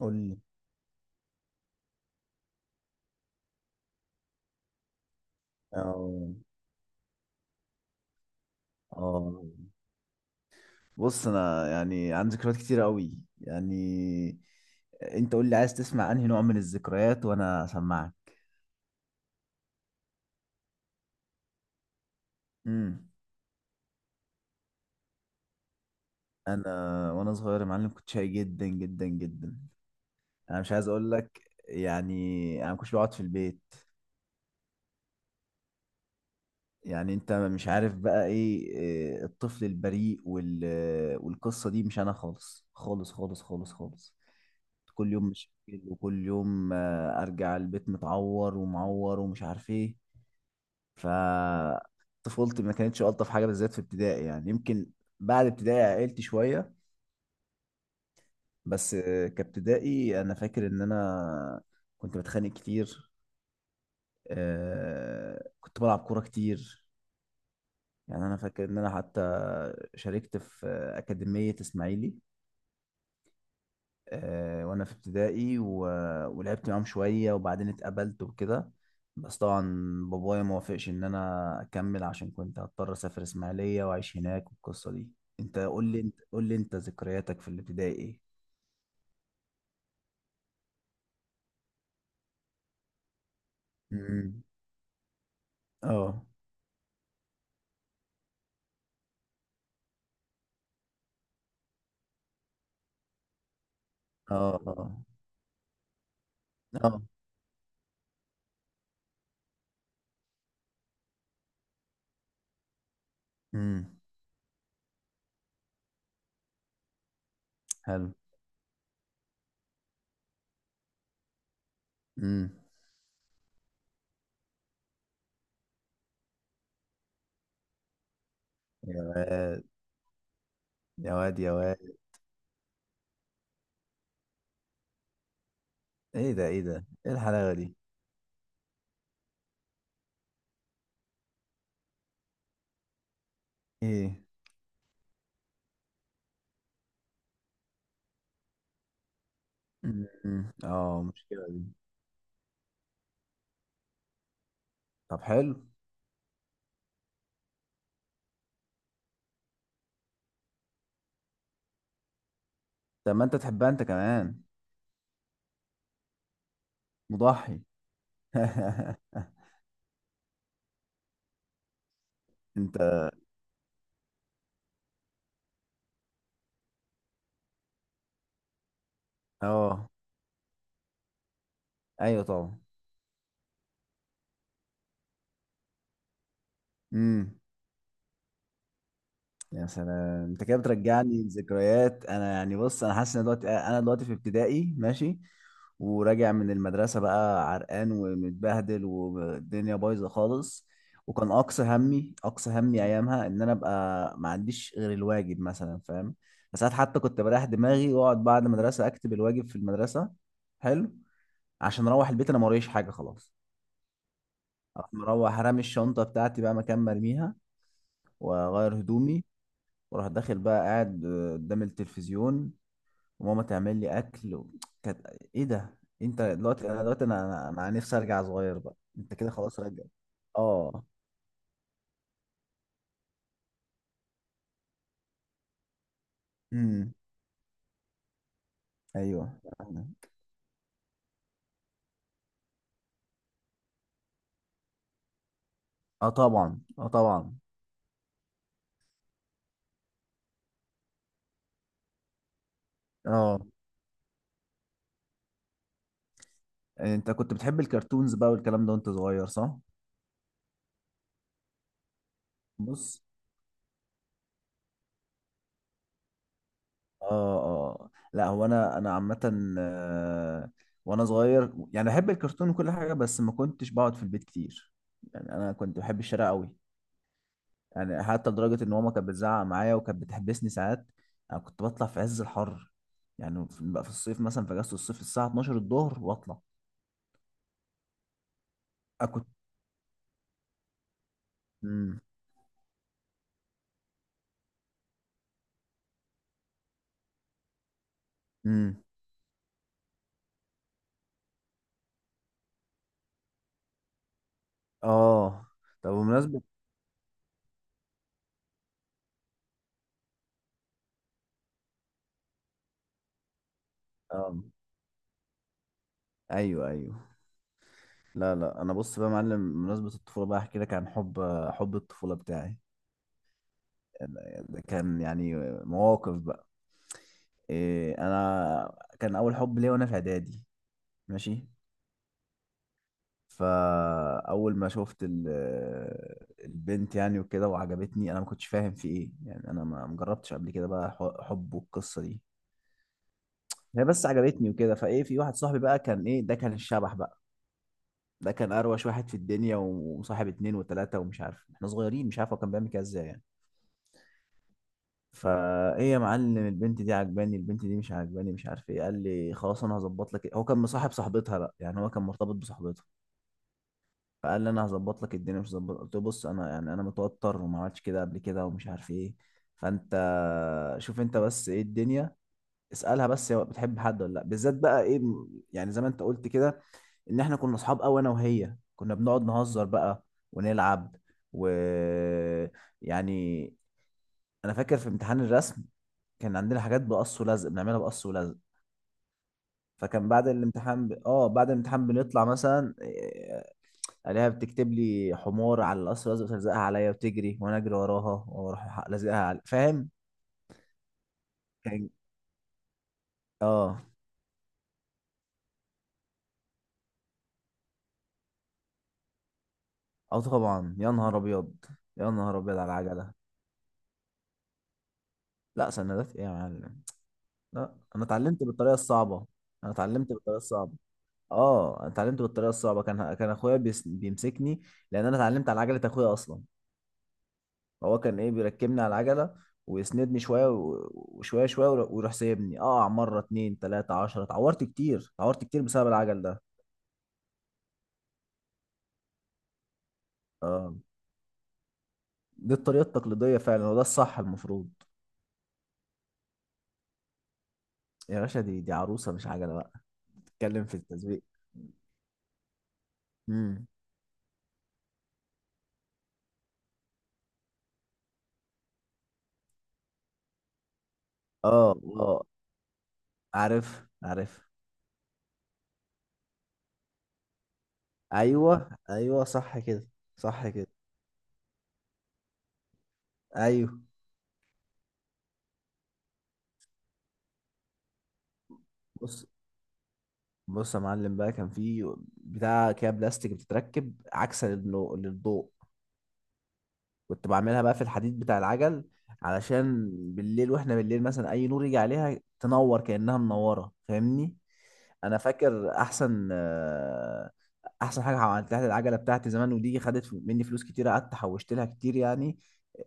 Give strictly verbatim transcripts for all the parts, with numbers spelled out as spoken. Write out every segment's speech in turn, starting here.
قول لي. اه، اه، بص، انا يعني عندي ذكريات كتير قوي. يعني انت قول لي عايز تسمع انهي نوع من الذكريات وانا اسمعك. امم. انا وانا صغير يا معلم كنت شقي جدا جدا جدا. انا مش عايز اقول لك. يعني انا ما كنتش بقعد في البيت. يعني انت مش عارف بقى ايه إيه، الطفل البريء وال... آه، والقصة دي مش انا خالص خالص خالص خالص خالص. كل يوم مشاكل، وكل يوم آه، ارجع البيت متعور ومعور ومش عارف ايه. ف طفولتي ما كانتش الطف حاجه، بالذات في ابتدائي يعني، يمكن بعد ابتدائي عقلت شويه. بس آه، كابتدائي انا فاكر ان انا كنت بتخانق كتير. آه، كنت بلعب كوره كتير. يعني انا فاكر ان انا حتى شاركت في اكاديميه اسماعيلي، آه، وانا في ابتدائي و... ولعبت معاهم شويه وبعدين اتقبلت وكده، بس طبعا بابايا ما وافقش ان انا اكمل عشان كنت هضطر اسافر اسماعيليه واعيش هناك والقصه دي. انت قول لي انت قول لي انت ذكرياتك في الابتدائي ايه. امم. اه. اه. اه. اه. امم. حلو. امم. يا واد يا واد يا واد. ايه ده، ايه ده، ايه الحلاوه دي. ايه. أمم، اه مشكلة دي. طب حلو. طب ما انت تحبها انت كمان. مضحي. انت. اه. ايوه طبعا. امم. يا سلام، انت كده بترجعني لذكريات. انا يعني، بص، انا حاسس ان دلوقتي، انا دلوقتي في ابتدائي ماشي، وراجع من المدرسه بقى عرقان ومتبهدل والدنيا بايظه خالص. وكان اقصى همي اقصى همي ايامها ان انا ابقى ما عنديش غير الواجب مثلا، فاهم. ساعات حتى كنت بريح دماغي واقعد بعد المدرسه اكتب الواجب في المدرسه. حلو. عشان اروح البيت انا ما وريش حاجه خلاص. اروح مروح رامي الشنطه بتاعتي بقى مكان مرميها، واغير هدومي، وراح داخل بقى قاعد قدام التلفزيون، وماما تعمل لي اكل و... كانت ايه ده، انت دلوقتي، انا دلوقتي انا انا أنا نفسي ارجع صغير. بقى انت كده خلاص رجع. اه. امم. ايوه. اه طبعا. اه طبعا. اه، انت كنت بتحب الكرتونز بقى والكلام ده وانت صغير، صح. بص. اه. اه. لا هو انا انا عامه، آه، وانا صغير يعني بحب الكرتون وكل حاجه، بس ما كنتش بقعد في البيت كتير. يعني انا كنت بحب الشارع قوي. يعني حتى لدرجة إن ماما كانت بتزعق معايا وكانت بتحبسني ساعات. أنا كنت بطلع في عز الحر. يعني في بقى في الصيف مثلا، في أجازة الصيف الساعة اتناشر الظهر وأطلع. أنا كنت مم. مم. آه طب بمناسبة، آه. أيوه أيوه. لا لا، أنا بص بقى يا معلم، بمناسبة الطفولة بقى أحكي لك عن حب حب الطفولة بتاعي. ده كان يعني مواقف بقى. إيه أنا، كان أول حب ليا وأنا في إعدادي. ماشي. فاول ما شفت ال- البنت يعني وكده وعجبتني، انا ما كنتش فاهم في ايه. يعني انا ما ما جربتش قبل كده بقى ح- حب والقصه دي. هي بس عجبتني وكده، فايه، في واحد صاحبي بقى كان ايه ده، كان الشبح بقى. ده كان اروش واحد في الدنيا، وصاحب اتنين وتلاته، ومش عارف احنا صغيرين مش عارف هو كان بيعمل كده ازاي يعني. فايه يا معلم، البنت دي عجباني، البنت دي مش عجباني، مش عارف ايه. قال لي خلاص انا هظبط لك. هو كان مصاحب صاحبتها بقى، يعني هو كان مرتبط بصاحبتها. فقال لي انا هظبط لك الدنيا، مش هظبط. قلت له بص، انا يعني انا متوتر وما عملتش كده قبل كده ومش عارف ايه. فانت شوف انت بس ايه الدنيا. اسالها بس هي بتحب حد ولا لا، بالذات بقى ايه م- يعني زي ما انت قلت كده، ان احنا كنا اصحاب قوي. انا وهي كنا بنقعد نهزر بقى ونلعب و يعني. انا فاكر في امتحان الرسم كان عندنا حاجات بقص ولزق، بنعملها بقص ولزق. فكان بعد الامتحان ب... اه بعد الامتحان بنطلع مثلا، الاقيها بتكتب لي حمار على القصر، لازم تلزقها عليا وتجري وانا اجري وراها واروح لازقها على، فاهم. كان اه. اه طبعا. يا نهار ابيض، يا نهار ابيض على العجله. لا سندات ايه يا معلم، لا انا اتعلمت بالطريقه الصعبه. انا اتعلمت بالطريقه الصعبه. اه، انا اتعلمت بالطريقه الصعبه. كان كان اخويا بيس... بيمسكني، لان انا اتعلمت على عجله اخويا اصلا. هو كان ايه بيركبني على العجله ويسندني شويه و- وشويه شويه، ويروح سايبني اقع مره اتنين تلاته عشره. اتعورت كتير، اتعورت كتير بسبب العجل ده. اه، دي الطريقة التقليدية فعلا وده الصح المفروض. يا باشا، دي دي عروسة مش عجلة بقى، تتكلم في التسويق. امم. اه. اه. عارف عارف. ايوه ايوه صح كده. صح كده. ايوه. بص، بص يا معلم بقى، كان في بتاع كده بلاستيك بتتركب عكسا للنو- للضوء، كنت بعملها بقى في الحديد بتاع العجل علشان بالليل، واحنا بالليل مثلا اي نور يجي عليها تنور كأنها منورة، فاهمني. انا فاكر احسن آه، احسن حاجه عملتها للعجله بتاعتي زمان، ودي خدت مني فلوس كتير، قعدت حوشت لها كتير يعني.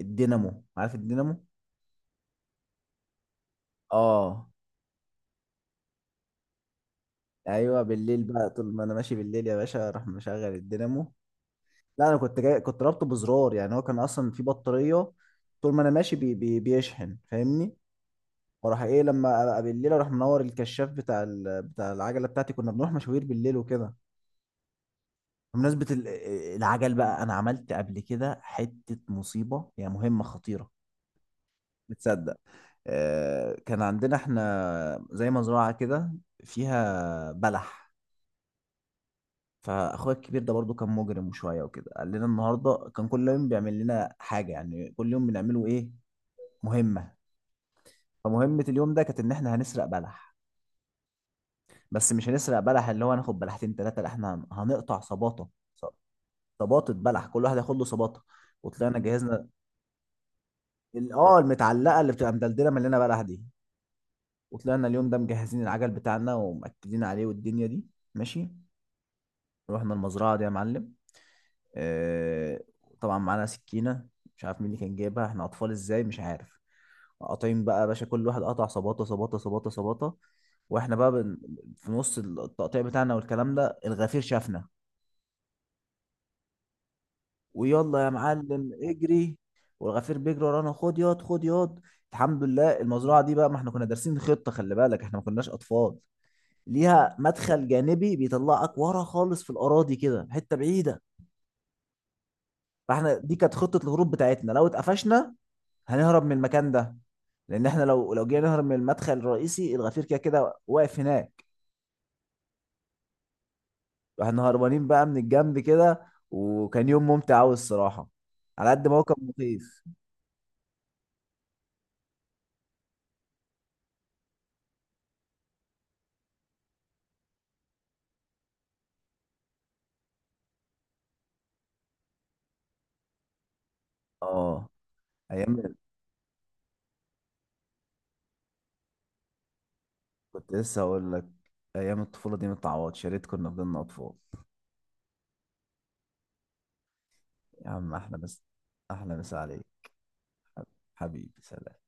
الدينامو، عارف الدينامو. اه. ايوه، بالليل بقى طول ما انا ماشي بالليل يا باشا اروح مشغل الدينامو. لا، انا كنت جاي كنت رابطه بزرار، يعني هو كان اصلا في بطاريه. طول ما انا ماشي بي بي بيشحن، فاهمني. واروح ايه، لما ابقى بالليل اروح منور الكشاف بتاع ال... بتاع العجله بتاعتي. كنا بنروح مشاوير بالليل وكده. بمناسبة ال- العجل بقى، أنا عملت قبل كده حتة مصيبة، يعني مهمة خطيرة. بتصدق، آه، كان عندنا احنا زي مزرعة كده فيها بلح. فأخويا الكبير ده برضو كان مجرم شوية وكده، قال لنا النهاردة، كان كل يوم بيعمل لنا حاجة، يعني كل يوم بنعمله إيه، مهمة. فمهمة اليوم ده كانت إن احنا هنسرق بلح، بس مش هنسرق بلح اللي هو هناخد بلحتين تلاتة، لا احنا هن- هنقطع صباطة، ص- صباطة بلح، كل واحد ياخد له صباطة. وطلعنا جهزنا ال- اه المتعلقه اللي بتبقى مدلدله مليانه بلح دي، وطلعنا اليوم ده مجهزين العجل بتاعنا ومأكدين عليه والدنيا دي، ماشي. رحنا المزرعه دي يا معلم. آه طبعا معانا سكينه، مش عارف مين اللي كان جايبها، احنا اطفال ازاي، مش عارف. قاطعين بقى يا باشا كل واحد قطع صباطه صباطه صباطه صباطه. واحنا بقى بن... في نص التقطيع بتاعنا والكلام ده، الغفير شافنا. ويلا يا معلم اجري. والغفير بيجري ورانا، خد ياض، خد ياض. الحمد لله المزرعه دي بقى ما احنا كنا دارسين خطه، خلي بالك احنا ما كناش اطفال. ليها مدخل جانبي بيطلعك ورا خالص في الاراضي كده حته بعيده. فاحنا دي كانت خطه الهروب بتاعتنا لو اتقفشنا هنهرب من المكان ده، لان احنا لو لو جينا نهرب من المدخل الرئيسي الغفير كده كده واقف هناك. واحنا هربانين بقى من الجنب كده. وكان يوم ممتع قوي الصراحه، على قد ما هو كان مخيف. اه. ايام. كنت لسه اقول لك، ايام الطفوله دي ما تتعوضش، يا ريت كنا فضلنا اطفال. يا عم احلى بس. احلى مسا عليك. حبيبي سلام.